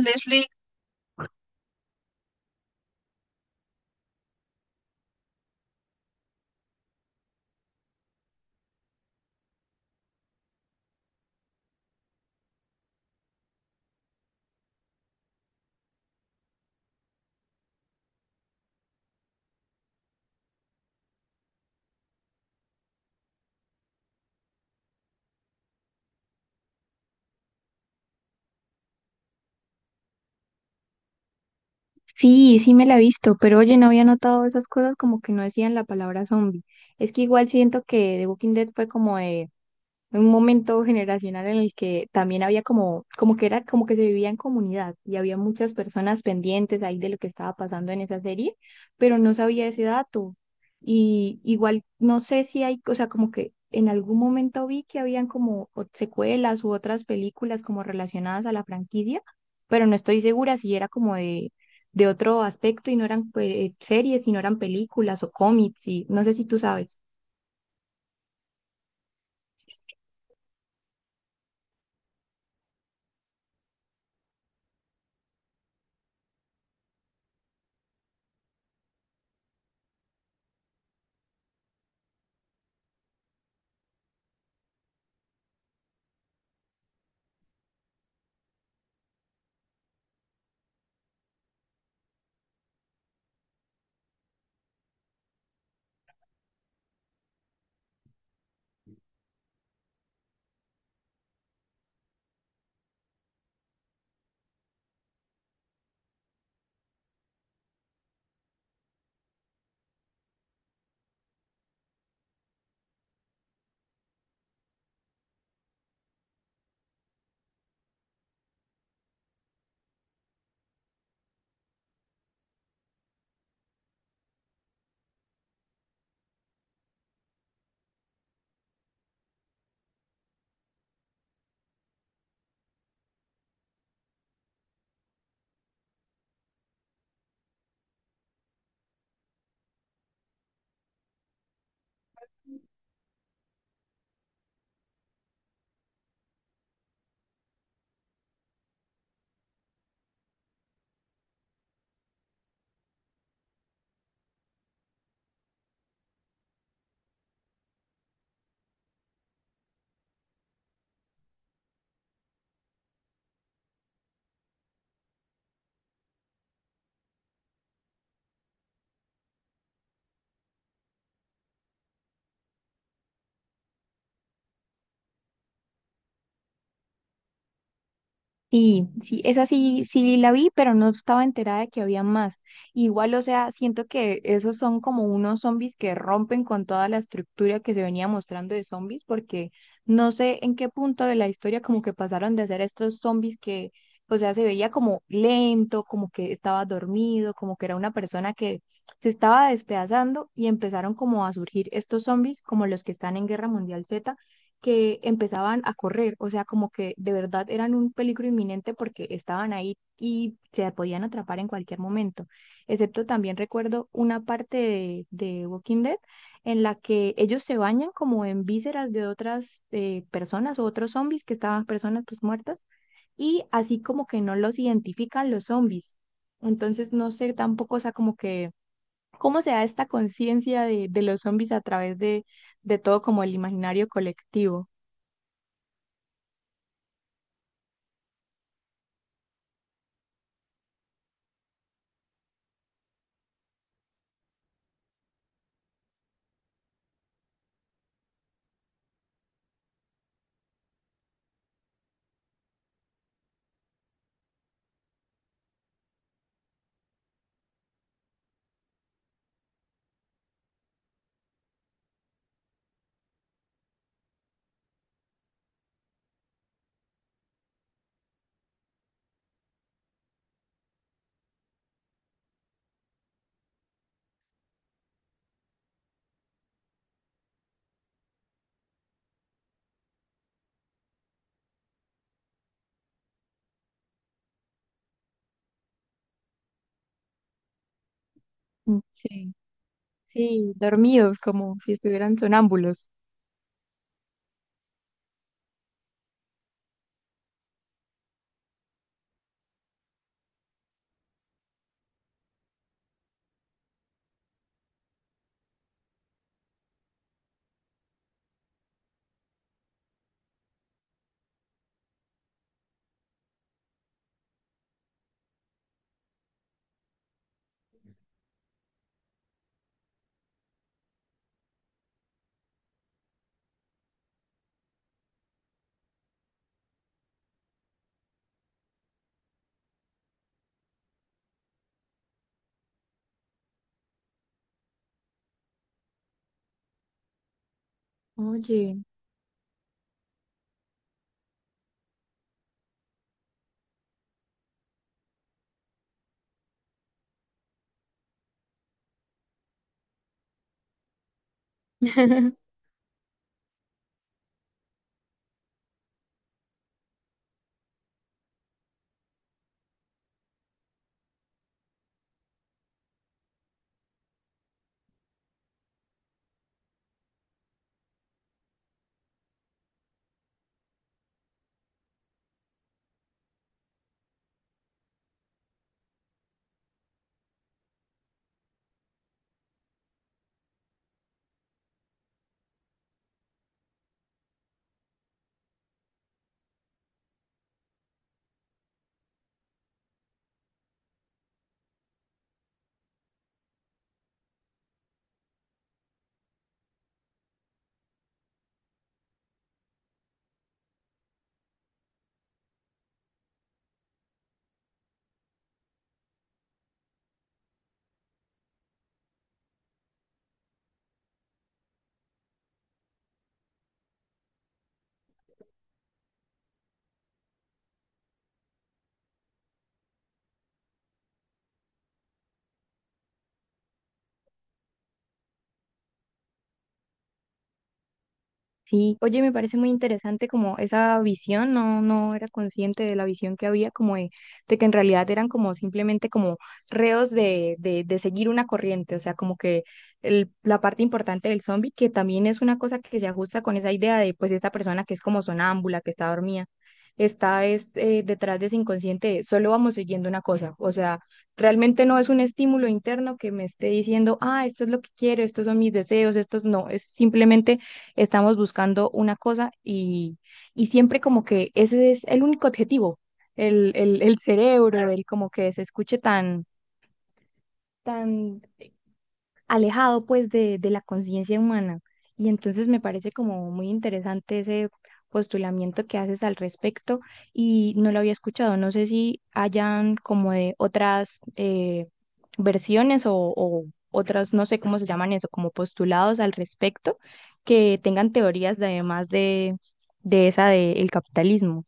Leslie. Sí, sí me la he visto, pero oye, no había notado esas cosas como que no decían la palabra zombie. Es que igual siento que The Walking Dead fue como de un momento generacional en el que también había como, como que era como que se vivía en comunidad y había muchas personas pendientes ahí de lo que estaba pasando en esa serie, pero no sabía ese dato. Y igual no sé si hay, o sea, como que en algún momento vi que habían como secuelas u otras películas como relacionadas a la franquicia, pero no estoy segura si era como de otro aspecto y no eran pues, series, sino eran películas o cómics y no sé si tú sabes. Sí, sí, esa sí, sí la vi, pero no estaba enterada de que había más. Igual, o sea, siento que esos son como unos zombies que rompen con toda la estructura que se venía mostrando de zombies, porque no sé en qué punto de la historia como que pasaron de ser estos zombies que, o sea, se veía como lento, como que estaba dormido, como que era una persona que se estaba despedazando y empezaron como a surgir estos zombies como los que están en Guerra Mundial Z que empezaban a correr, o sea, como que de verdad eran un peligro inminente porque estaban ahí y se podían atrapar en cualquier momento. Excepto también recuerdo una parte de Walking Dead en la que ellos se bañan como en vísceras de otras personas o otros zombies que estaban personas pues muertas y así como que no los identifican los zombies. Entonces no sé tampoco, o sea, como que cómo se da esta conciencia de los zombies a través de todo como el imaginario colectivo. Mm, sí, sí, dormidos, como si estuvieran sonámbulos. Oye, sí, oye, me parece muy interesante como esa visión, no, no era consciente de la visión que había, como de que en realidad eran como simplemente como reos de seguir una corriente, o sea, como que la parte importante del zombie, que también es una cosa que se ajusta con esa idea de pues esta persona que es como sonámbula, que está dormida, está es, detrás de ese inconsciente, solo vamos siguiendo una cosa, o sea, realmente no es un estímulo interno que me esté diciendo, ah, esto es lo que quiero, estos son mis deseos, estos no, es simplemente estamos buscando una cosa y siempre como que ese es el único objetivo, el cerebro, el como que se escuche tan, tan alejado pues de la conciencia humana. Y entonces me parece como muy interesante ese postulamiento que haces al respecto y no lo había escuchado. No sé si hayan como de otras versiones o otras, no sé cómo se llaman eso, como postulados al respecto, que tengan teorías de, además de esa del capitalismo.